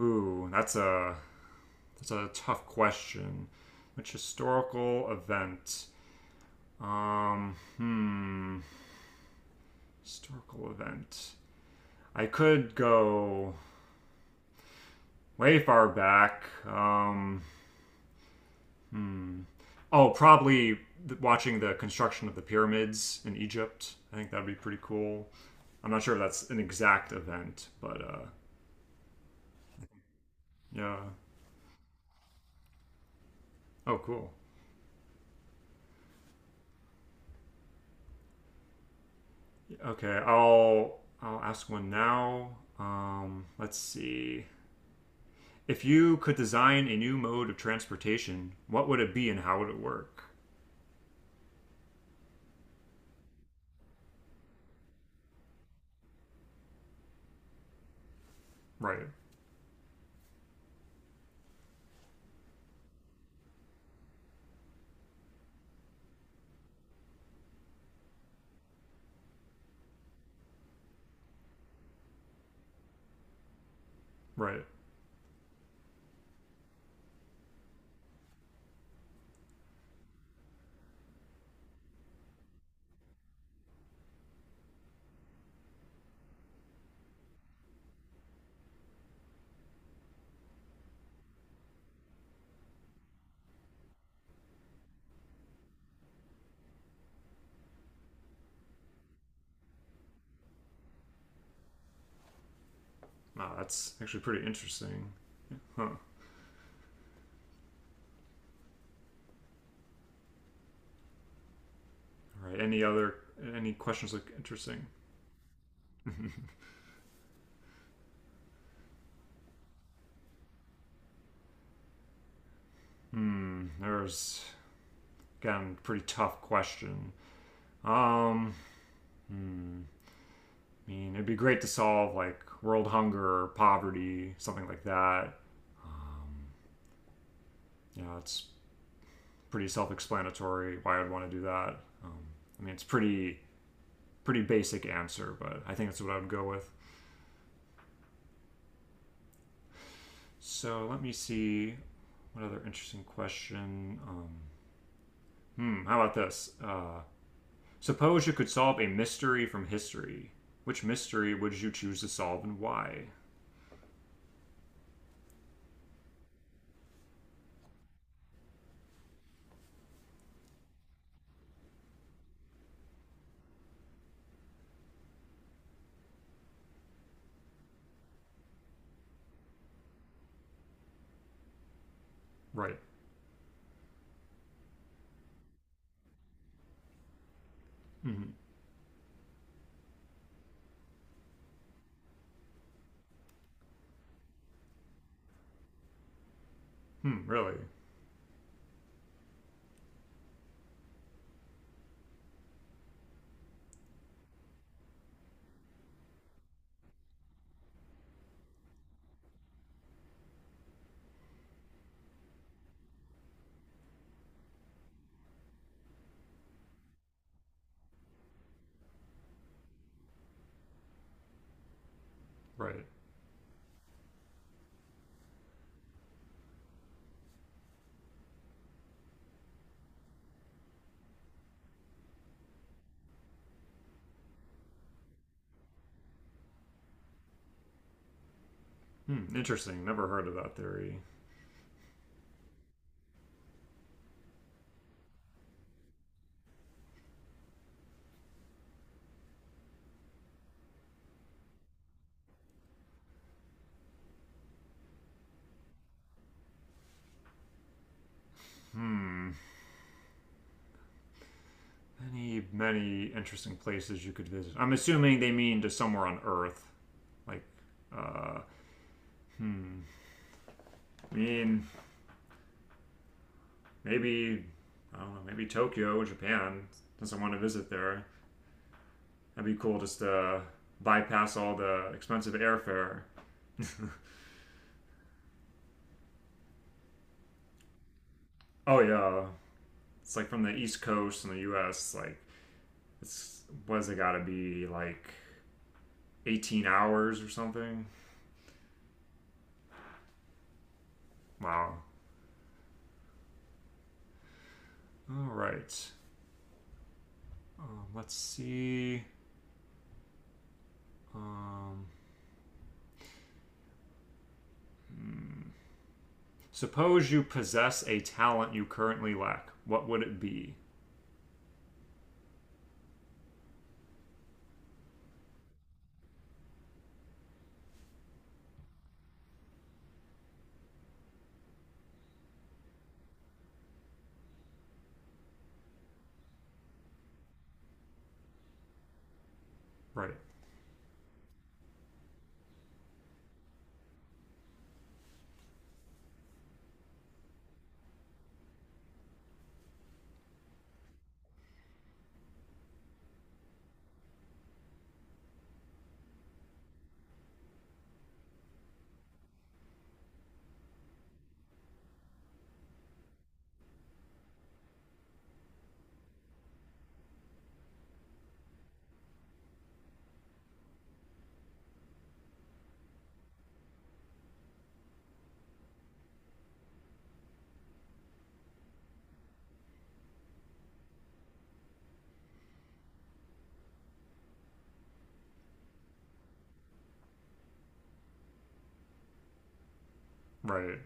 Ooh, that's a tough question. Which historical event? Um, hmm, historical event. I could go way far back. Oh, probably watching the construction of the pyramids in Egypt. I think that'd be pretty cool. I'm not sure if that's an exact event, but yeah. Oh, cool. Okay, I'll ask one now. Let's see. If you could design a new mode of transportation, what would it be and how would it work? Right, right. Wow, that's actually pretty interesting. Huh. All right. Any questions look interesting? Hmm. There's again pretty tough question. Um. Hmm. I mean, it'd be great to solve like world hunger or poverty, something like that. Um, yeah, it's pretty self-explanatory why I'd want to do that. Um, I mean, it's pretty basic answer, but I think that's what I would go with. So let me see what other interesting question. How about this? Suppose you could solve a mystery from history. Which mystery would you choose to solve and why? Right. Hmm. Hmm, really? Right. Hmm, interesting. Never heard of that theory. Hmm. Many, many interesting places you could visit. I'm assuming they mean to somewhere on Earth. Like, uh, hmm. I mean, maybe I don't know, maybe Tokyo, Japan, since I want to visit there. That'd be cool just to bypass all the expensive airfare. Oh yeah, it's like from the East Coast in the U.S. Like it's what has it got to be like 18 hours or something? Wow. All right. Let's see. Um, suppose you possess a talent you currently lack. What would it be? Right. Right.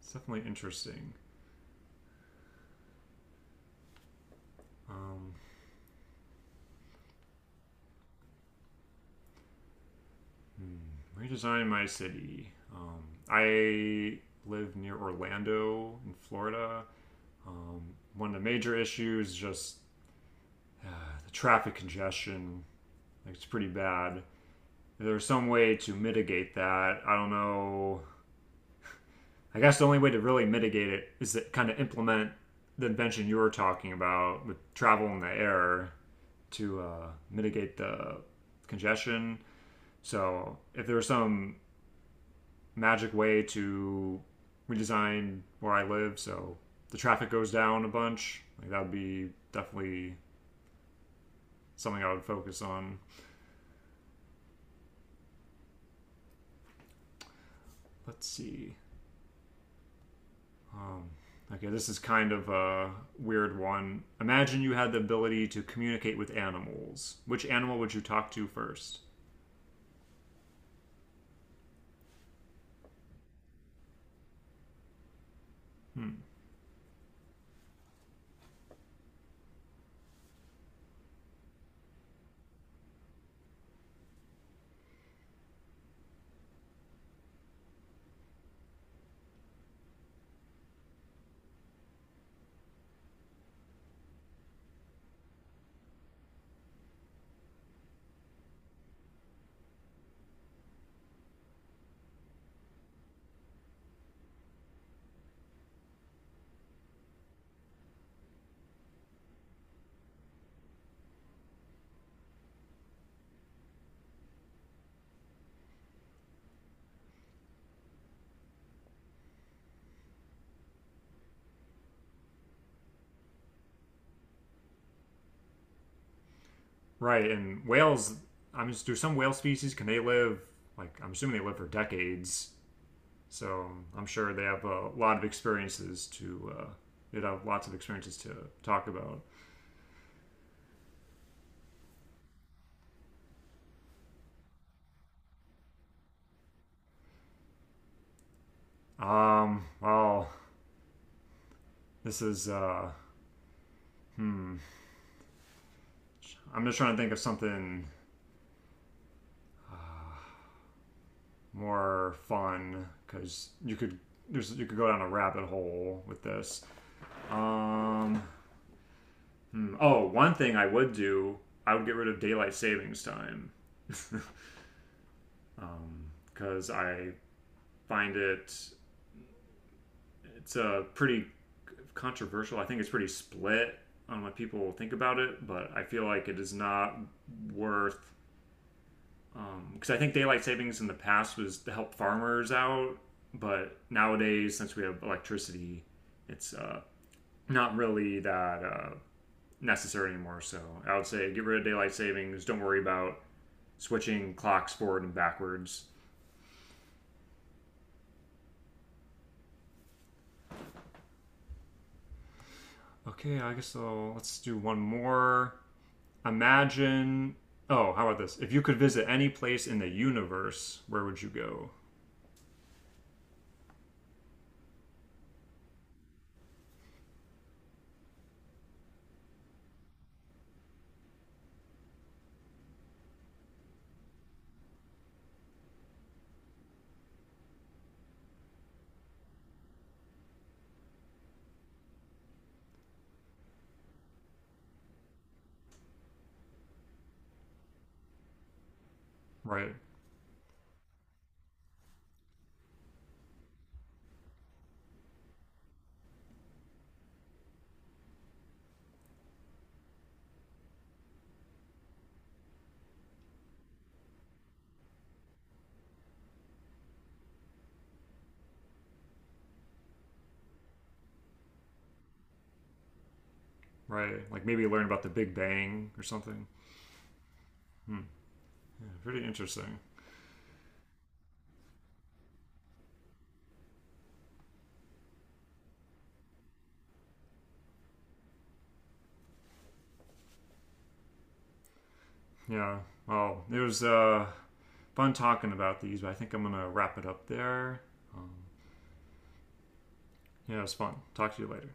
It's definitely interesting. Um. Hmm, redesign my city. I live near Orlando in Florida. Um, one of the major issues is just the traffic congestion. Like, it's pretty bad. If there's some way to mitigate that. I don't know. I guess the only way to really mitigate it is to kind of implement the invention you were talking about with travel in the air to mitigate the congestion. So if there's some magic way to redesign where I live, so the traffic goes down a bunch. Like that would be definitely something I would focus on. Let's see. Um, okay, this is kind of a weird one. Imagine you had the ability to communicate with animals. Which animal would you talk to first? Hmm. Right, and whales. I'm just. Do some whale species can they live? Like I'm assuming they live for decades. So I'm sure they have a lot of experiences to. They'd have lots of experiences to talk about. Well, this is. Hmm. I'm just trying to think of something more fun because you could there's you could go down a rabbit hole with this. Um, hmm. Oh, one thing I would do, I would get rid of daylight savings time because I find it. It's a pretty controversial. I think it's pretty split on what people think about it, but I feel like it is not worth because I think daylight savings in the past was to help farmers out, but nowadays since we have electricity, it's not really that uh, necessary anymore. So I would say get rid of daylight savings. Don't worry about switching clocks forward and backwards. Okay, I guess I'll, let's do one more. Imagine. Oh, how about this? If you could visit any place in the universe, where would you go? Right, right. Like maybe learn about the Big Bang or something. Hmm. Yeah, pretty interesting. Yeah. Well, it was fun talking about these, but I think I'm gonna wrap it up there. Um, yeah, it was fun. Talk to you later.